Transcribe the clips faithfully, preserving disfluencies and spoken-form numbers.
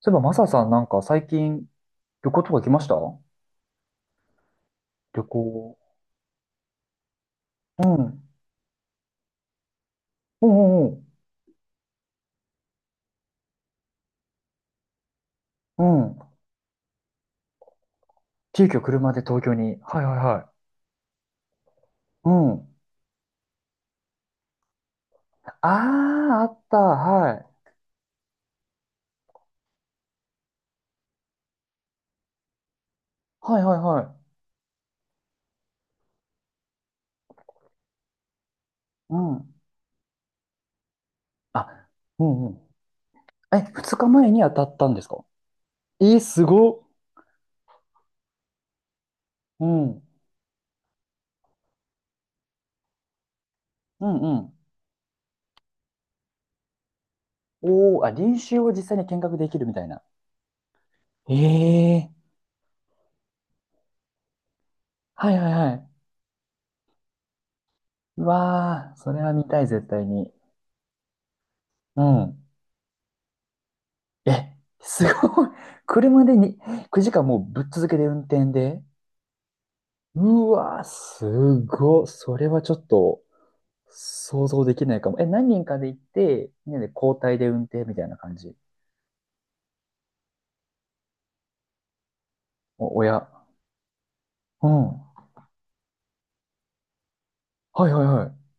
そういえば、マサさんなんか最近旅行とか来ました？旅行。うん。うんうんうん。うん。急遽車で東京に。はいはいはい。うん。ああ、あった。はい。はいはいはい。うん。あ、うんうん。え、ふつかまえに当たったんですか？えー、すごっ。うん。うんうん。おー、あ、練習を実際に見学できるみたいな。ええー、はいはいはい。うわー、それは見たい、絶対に。うん。え、すごい。車でにくじかんもうぶっ続けで運転で。うわー、すごい。それはちょっと想像できないかも。え、何人かで行って、みんなで交代で運転みたいな感じ。お、親。うん。はいはいはい。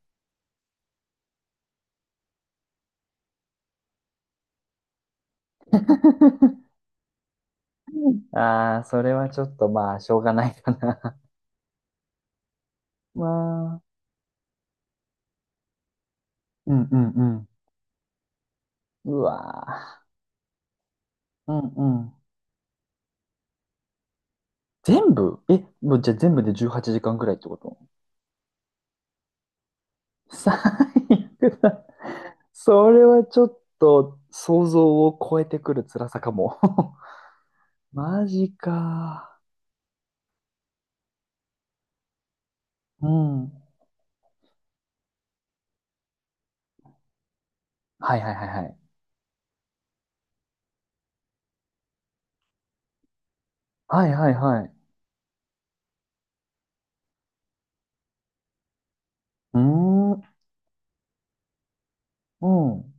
ああ、それはちょっとまあ、しょうがないかな。まあ、うんうんうん。うわー、うんうん。全部え、もうじゃあ全部でじゅうはちじかんぐらいってこと？最悪だ。それはちょっと想像を超えてくる辛さかも。マジか。うん。はいはいはいはい。はいはいはい。うーん。うん。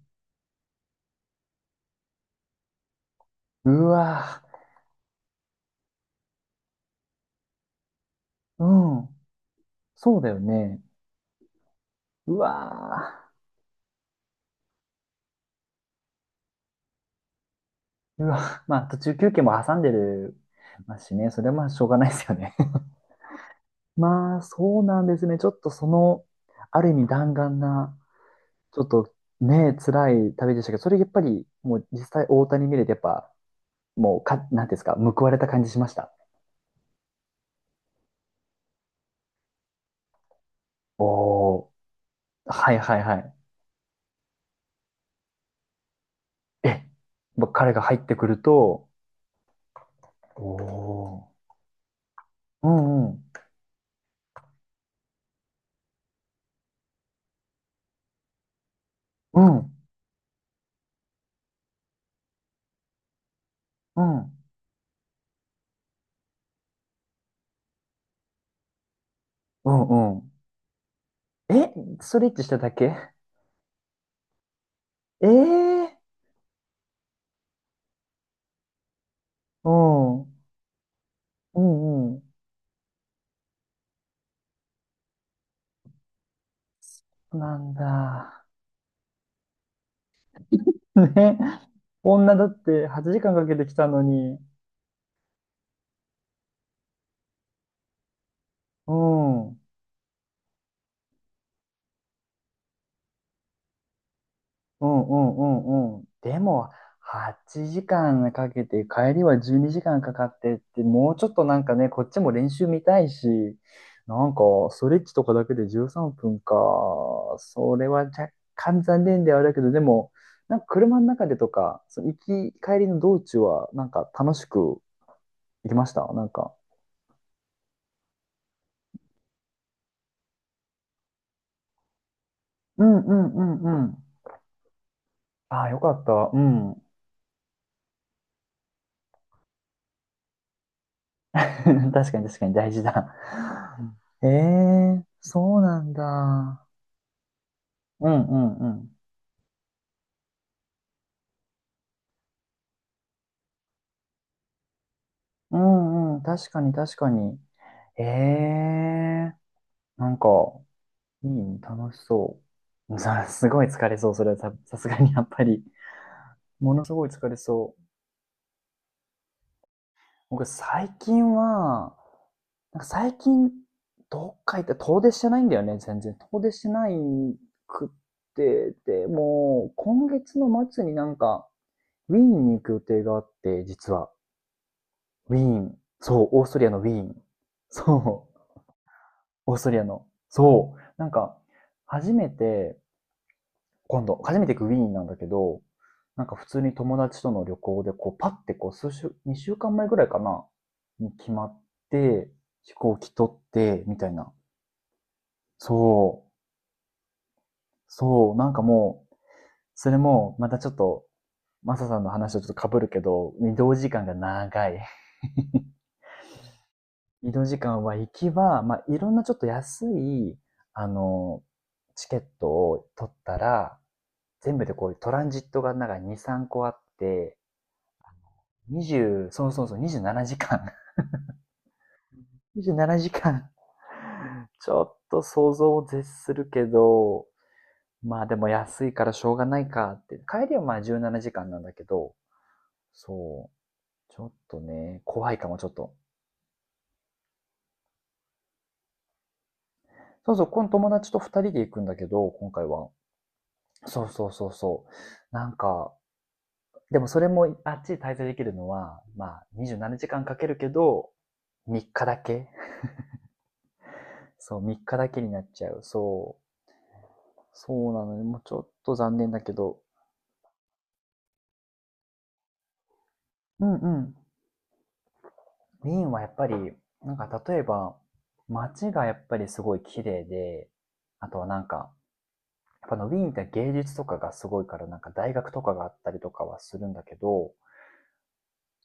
うわー。うん。そうだよね。うわー。うわ。まあ途中休憩も挟んでるますしね。それはまあしょうがないですよね。まあそうなんですね。ちょっとその、ある意味弾丸な、ちょっとね、辛い旅でしたけど、それやっぱりもう実際大谷見れてやっぱ、もう、か、なんていうんですか、報われた感じしました。おー、はいはいはい。え、もう彼が入ってくると、おー、うんうん、うん、うん、うんうん。え、ストレッチしただけ？ええー、うん、うんうん。なんだ。ね。女だってはちじかんかんかけてきたのに。うん。うんうんうんうん。でも、はちじかんかんかけて、帰りはじゅうにじかんかんかかってって、もうちょっとなんかね、こっちも練習見たいし、なんか、ストレッチとかだけでじゅうさんぷんか。それは若干残念ではあるけど、でも、なんか車の中でとか、その行き、帰りの道中は、なんか楽しく行きました。なんか。うんうんうんうん。ああ、よかった。うん。確かに確かに大事だ。ええー、そうなんだ。うんうんうん。うんうん、確かに確かに。ええー、なんか、いいね、楽しそう。さ、すごい疲れそう、それはさ、さすがにやっぱり。ものすごい疲れそう。僕、最近は、なんか最近、どっか行って遠出してないんだよね、全然。遠出してないくって、でもう、今月の末になんか、ウィーンに行く予定があって、実は。ウィーン。そう、オーストリアのウィーン。そう。オーストリアの。そう。なんか、初めて、今度、初めて行くウィーンなんだけど、なんか普通に友達との旅行で、こう、パッてこう、数週、にしゅうかんまえぐらいかな、に決まって、飛行機取って、みたいな。そう。そう。なんかもう、それも、またちょっと、マサさんの話とちょっと被るけど、移動時間が長い。移動時間は行きは、まあ、いろんなちょっと安い、あの、チケットを取ったら、全部でこういうトランジットがなんかに、さんこあって、にじゅう、そうそうそう、にじゅうななじかん。にじゅうななじかん。ちょっと想像を絶するけど、まあでも安いからしょうがないかって。帰りはまあじゅうななじかんななじかんなんだけど、そう。ちょっとね、怖いかもちょっと。そうそう、この友達とふたりで行くんだけど、今回は。そうそうそうそう。なんか、でもそれもあっちに滞在できるのは、まあにじゅうななじかんかんかけるけど、みっかだけ、そう、みっかだけになっちゃう。そう。そうなので、もうちょっと残念だけど、うんうん。ウィーンはやっぱり、なんか例えば、街がやっぱりすごい綺麗で、あとはなんか、やっぱのウィーンって芸術とかがすごいから、なんか大学とかがあったりとかはするんだけど、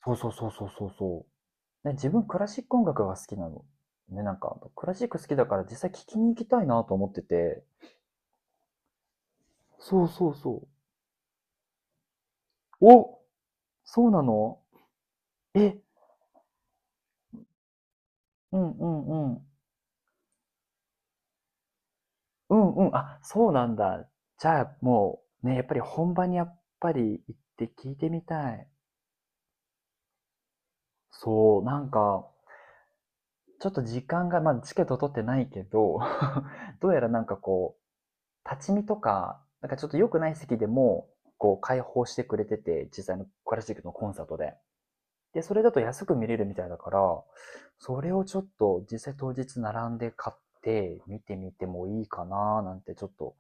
そうそうそうそうそうそう。で、自分クラシック音楽が好きなの。ね、なんか、クラシック好きだから実際聴きに行きたいなと思ってて。そうそうそう。お、そうなの？え、うんうんうん。うんうん。あ、そうなんだ。じゃあ、もう、ね、やっぱり本場にやっぱり行って聞いてみたい。そう、なんか、ちょっと時間が、まあ、チケット取ってないけど、どうやらなんかこう、立ち見とか、なんかちょっと良くない席でも、こう、開放してくれてて、実際のクラシックのコンサートで。で、それだと安く見れるみたいだから、それをちょっと実際当日並んで買って見てみてもいいかななんてちょっと。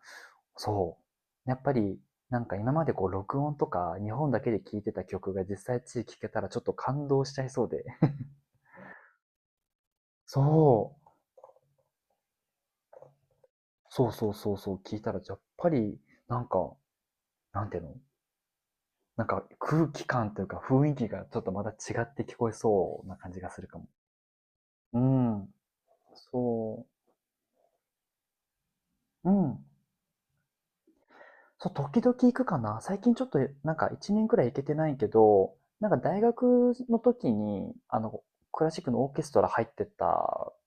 そう。やっぱり、なんか今までこう録音とか日本だけで聴いてた曲が実際地域で聴けたらちょっと感動しちゃいそうで。そう。そうそうそうそう、聞いたらやっぱり、なんか、なんていうの、なんか空気感というか雰囲気がちょっとまた違って聞こえそうな感じがするかも。うん。そう。うん。そう、時々行くかな。最近ちょっと、なんかいちねんくらい行けてないけど、なんか大学の時に、あの、クラシックのオーケストラ入ってた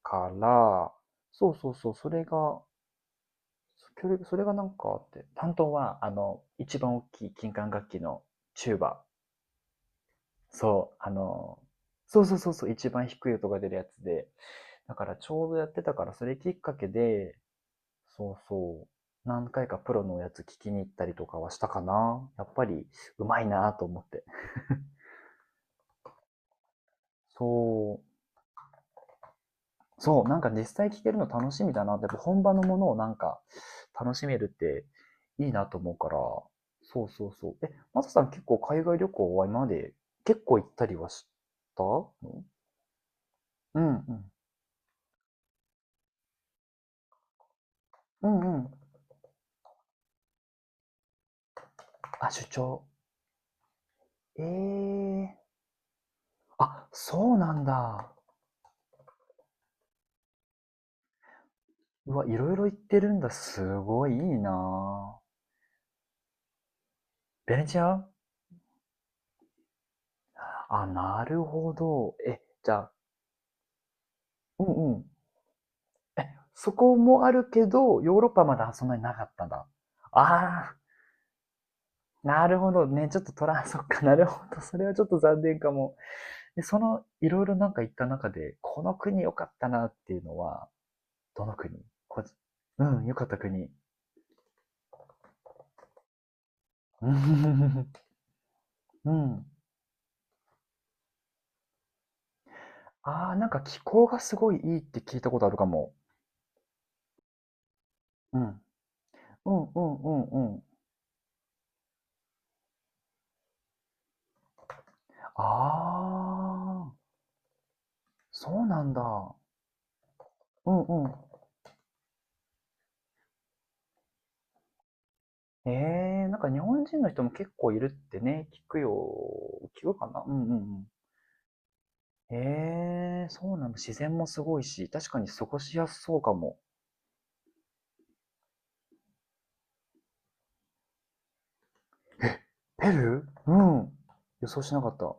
から、そうそうそう、それが、それそれがなんかあって、担当は、あの、一番大きい金管楽器のチューバ。そう、あの、そうそうそうそう、一番低い音が出るやつで。だからちょうどやってたから、それきっかけで、そうそう。何回かプロのやつ聞きに行ったりとかはしたかな。やっぱりうまいなと思って。そう。そう、なんか実際聞けるの楽しみだなって、本場のものをなんか楽しめるっていいなと思うから。そうそうそう。え、マサさん結構海外旅行は今まで結構行ったりはしたの？うんうん。うんうん。あ、出張。ええ、あ、そうなんだ。うわ、いろいろ行ってるんだ。すごいいいな。ベネチア。あ、なるほど。え、じゃあ、うんうん。そこもあるけど、ヨーロッパはまだそんなになかったんだ。ああ、なるほどね。ちょっとトラン、そっか、なるほど。それはちょっと残念かも。で、その、いろいろなんか行った中で、この国良かったなっていうのは、どの国？こうん、良かった国。うん。うん、ああ、なんか気候がすごいいいって聞いたことあるかも。うん。うんうんうんうん。ああ、そうなんだ。うんうん。ええ、なんか日本人の人も結構いるってね、聞くよ。聞くかな、うんうんうん。ええ、そうなの。自然もすごいし、確かに過ごしやすそうかも。え、ペルー、うん。予想しなかった。は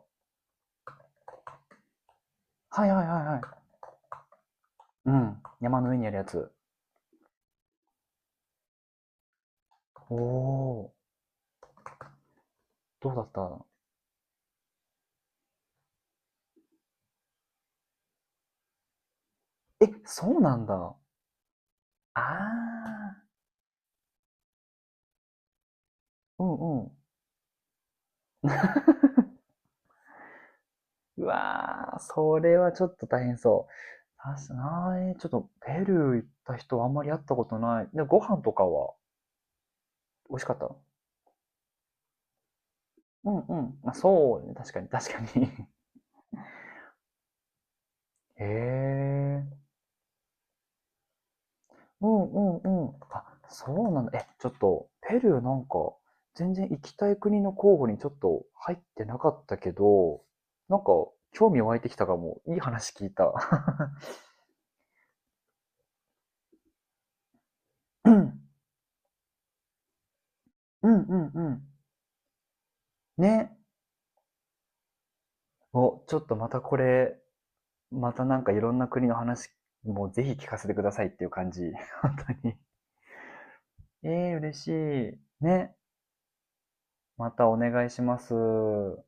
いはいはいはい。うん。山の上にあるやつ。おお、どうだった？え、そうなんだ。ああ、うんうん。うわあ、それはちょっと大変そう。確かに、ちょっとペルー行った人あんまり会ったことない。で、ご飯とかは美味しかった？うんうん。まあ、そうね、確かに、確かに。 へえ。うんうんうん。あ、そうなんだ。え、ちょっと、ペルーなんか、全然行きたい国の候補にちょっと入ってなかったけど、なんか、興味湧いてきたかも。いい話聞いた。うん、うん、うん、うん。ね。お、ちょっとまたこれ、またなんかいろんな国の話もぜひ聞かせてくださいっていう感じ。本当に。ええー、嬉しい。ね。またお願いします。